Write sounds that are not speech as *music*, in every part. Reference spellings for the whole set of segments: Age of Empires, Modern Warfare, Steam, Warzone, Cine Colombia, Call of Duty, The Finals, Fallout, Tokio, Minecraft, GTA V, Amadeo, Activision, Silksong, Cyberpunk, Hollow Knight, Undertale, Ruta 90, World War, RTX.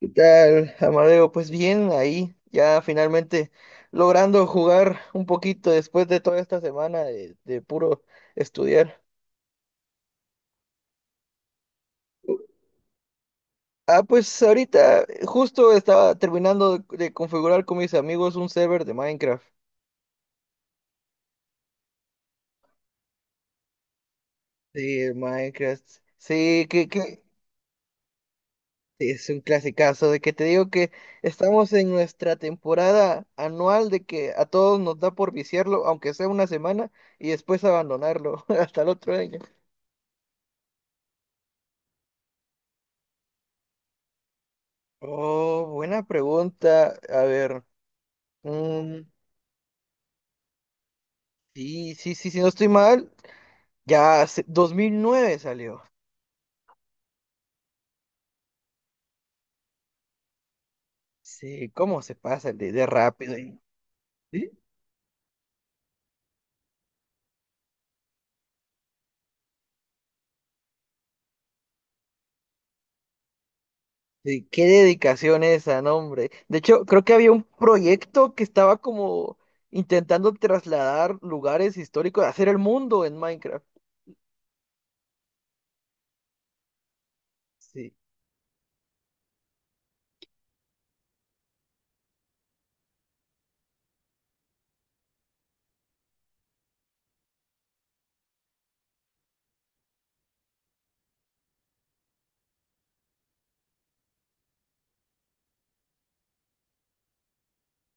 ¿Qué tal, Amadeo? Pues bien, ahí ya finalmente logrando jugar un poquito después de toda esta semana de puro estudiar. Ah, pues ahorita justo estaba terminando de configurar con mis amigos un server de Minecraft. Sí, el Minecraft. Sí, que es un clasicazo de que te digo que estamos en nuestra temporada anual de que a todos nos da por viciarlo, aunque sea una semana, y después abandonarlo *laughs* hasta el otro año. Oh, buena pregunta. A ver, mm, sí, sí, sí, si no estoy mal, 2009 salió. Sí, cómo se pasa de rápido. ¿Eh? Sí, sí, qué dedicación esa, no, hombre. De hecho, creo que había un proyecto que estaba como intentando trasladar lugares históricos, hacer el mundo en Minecraft. Sí,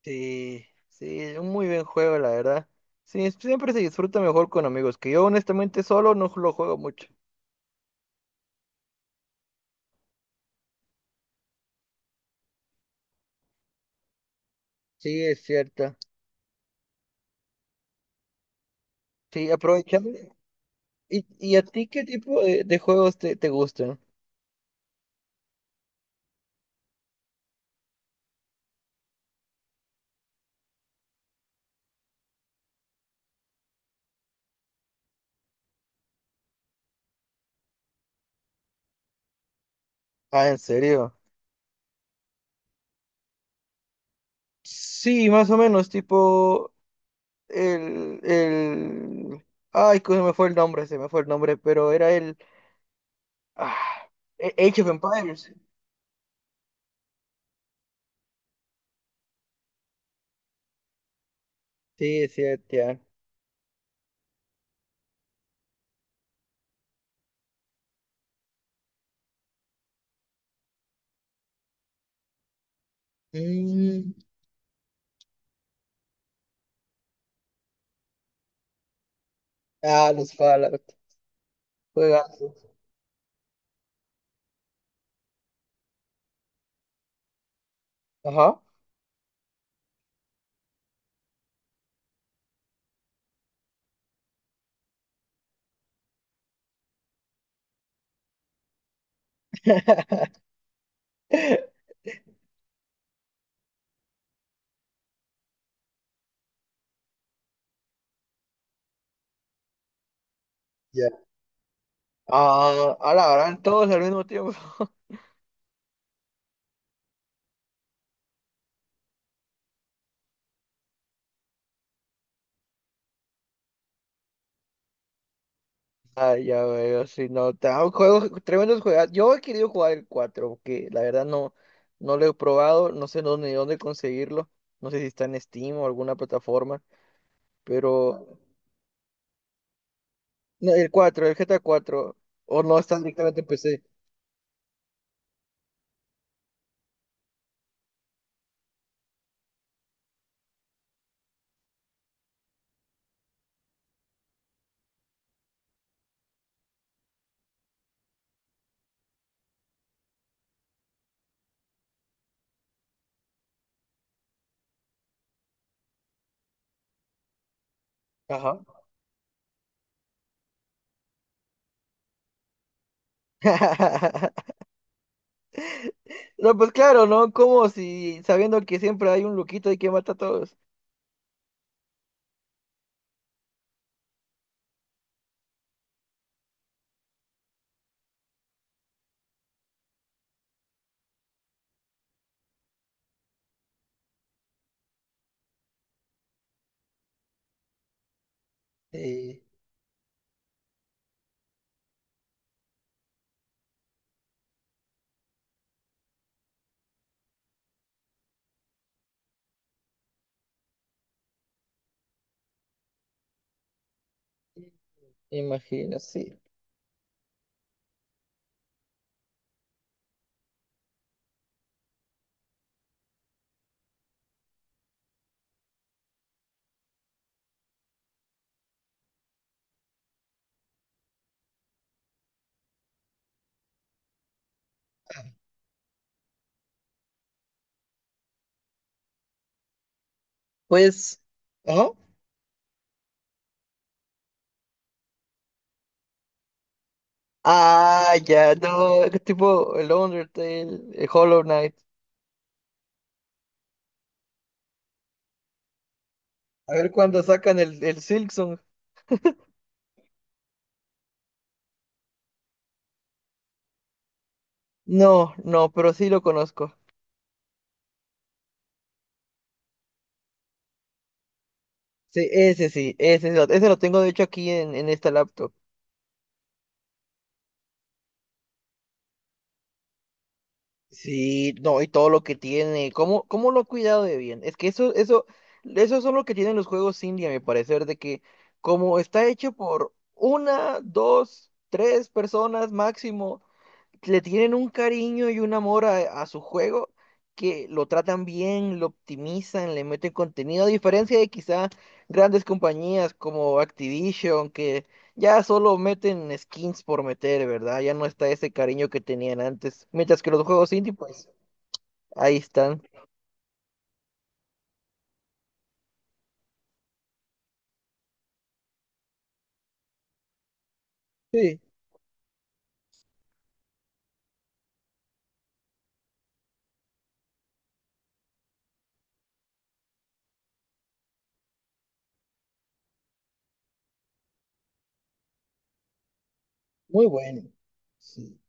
sí, sí, es un muy buen juego, la verdad. Sí, siempre se disfruta mejor con amigos, que yo honestamente solo no lo juego mucho. Sí, es cierto. Sí, aprovechando. ¿Y a ti qué tipo de juegos te gustan? Ah, ¿en serio? Sí, más o menos, tipo el. Ay, que se me fue el nombre, se me fue el nombre, pero era el. Ah, Age of Empires. Sí, sí, ya. Mm, ah, los Fallout. Juegazo. Ajá. *laughs* Ya. Ah, a la gran todos al mismo tiempo. *laughs* Ah, ya veo, si no, juegos, tremendos juegos. Yo he querido jugar el 4 porque la verdad no, no lo he probado, no sé dónde, ni dónde conseguirlo, no sé si está en Steam o alguna plataforma, pero no, el cuatro el GTA 4 o no está directamente en PC. Ajá. *laughs* No, pues claro, ¿no? Como si sabiendo que siempre hay un loquito y que mata a todos. Sí, imagino, sí. Pues, ajá. Ah, ya, no, tipo el Undertale, el Hollow Knight. A ver cuándo sacan el Silksong. No, no, pero sí lo conozco. Sí, ese, ese lo tengo de hecho aquí en esta laptop. Sí, no, y todo lo que tiene. ¿Cómo lo ha cuidado de bien? Es que eso, son lo que tienen los juegos indie, a mi parecer, de que como está hecho por una, dos, tres personas máximo le tienen un cariño y un amor a su juego que lo tratan bien, lo optimizan, le meten contenido, a diferencia de quizá grandes compañías como Activision, que ya solo meten skins por meter, ¿verdad? Ya no está ese cariño que tenían antes. Mientras que los juegos indie, pues ahí están. Sí, muy bueno. Sí.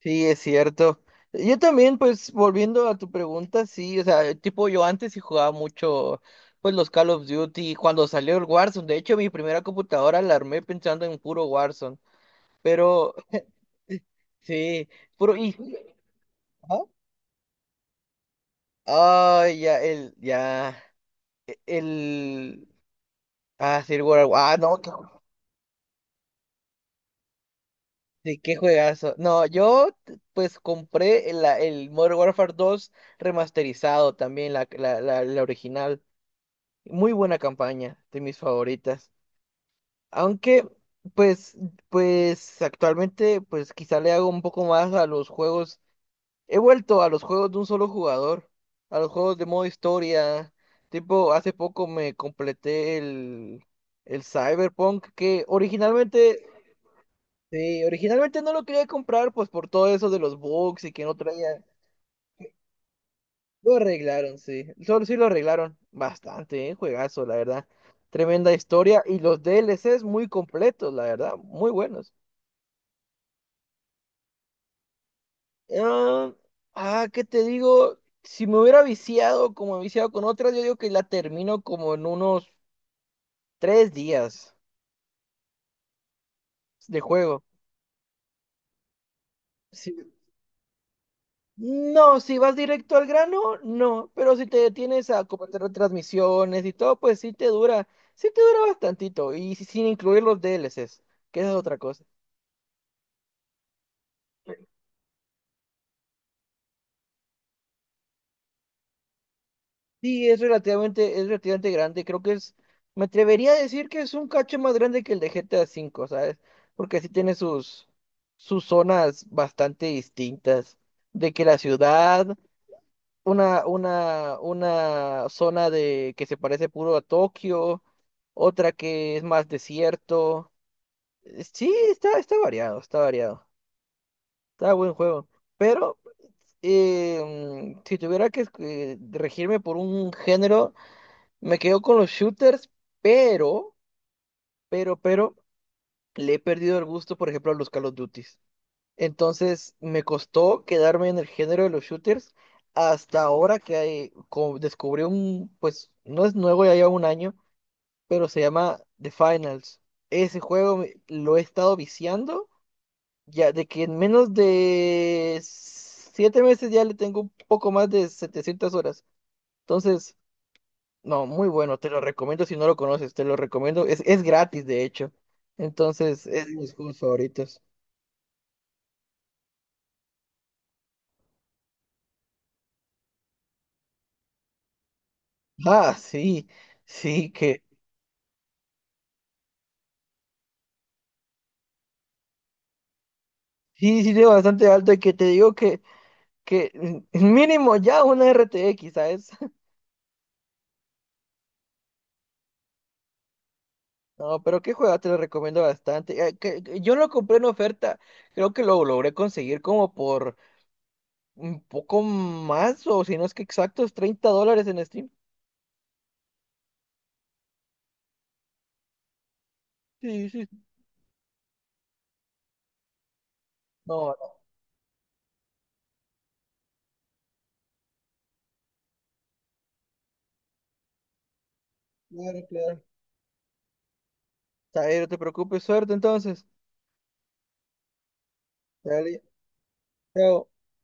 Sí, es cierto. Yo también, pues, volviendo a tu pregunta, sí, o sea, tipo, yo antes sí jugaba mucho, pues, los Call of Duty, cuando salió el Warzone, de hecho, mi primera computadora la armé pensando en puro Warzone, pero, sí, puro, y, ¿ah? Ah, ya, el, ah, sí, el World War, ah, no, qué, sí, qué juegazo, no, yo, pues, compré el Modern Warfare 2 remasterizado también, la original. Muy buena campaña, de mis favoritas. Aunque, pues, pues actualmente, pues quizá le hago un poco más a los juegos. He vuelto a los juegos de un solo jugador, a los juegos de modo historia. Tipo, hace poco me completé el Cyberpunk, que originalmente, sí, originalmente no lo quería comprar, pues por todo eso de los bugs y que no traía. Lo arreglaron, sí. Solo sí lo arreglaron bastante, ¿eh? Juegazo, la verdad. Tremenda historia y los D L DLCs muy completos, la verdad, muy buenos. Ah, ah, ¿qué te digo? Si me hubiera viciado como he viciado con otras, yo digo que la termino como en unos 3 días de juego. Sí. No, si vas directo al grano, no, pero si te detienes a comentar transmisiones y todo, pues sí te dura bastantito y sin incluir los D L DLCs, que esa es otra cosa. Sí, es relativamente grande. Creo que es, me atrevería a decir que es un cacho más grande que el de GTA V, ¿sabes? Porque sí tiene sus, zonas bastante distintas. De que la ciudad, una zona de que se parece puro a Tokio, otra que es más desierto. Sí, está variado, está variado. Está buen juego. Pero eh, si tuviera que regirme por un género. Me quedo con los shooters, pero, pero, le he perdido el gusto, por ejemplo, a los Call of Duties. Entonces, me costó quedarme en el género de los shooters hasta ahora que descubrí un, pues, no es nuevo, ya lleva un año, pero se llama The Finals. Ese juego lo he estado viciando, ya de que en menos de 7 meses ya le tengo un poco más de 700 horas. Entonces, no, muy bueno, te lo recomiendo si no lo conoces, te lo recomiendo, es gratis de hecho, entonces es de mis juegos favoritos. Ah, sí, sí, que sí, sí, de bastante alto y que te digo que mínimo ya una RTX, ¿sabes? *laughs* No, pero qué juego te lo recomiendo bastante. Que yo lo compré en oferta, creo que lo logré conseguir como por un poco más o si no es que exactos, $30 en Steam. Sí, sí. Sí. No, no, claro, claro. Está bien, no te preocupes, suerte entonces. Dale. Pero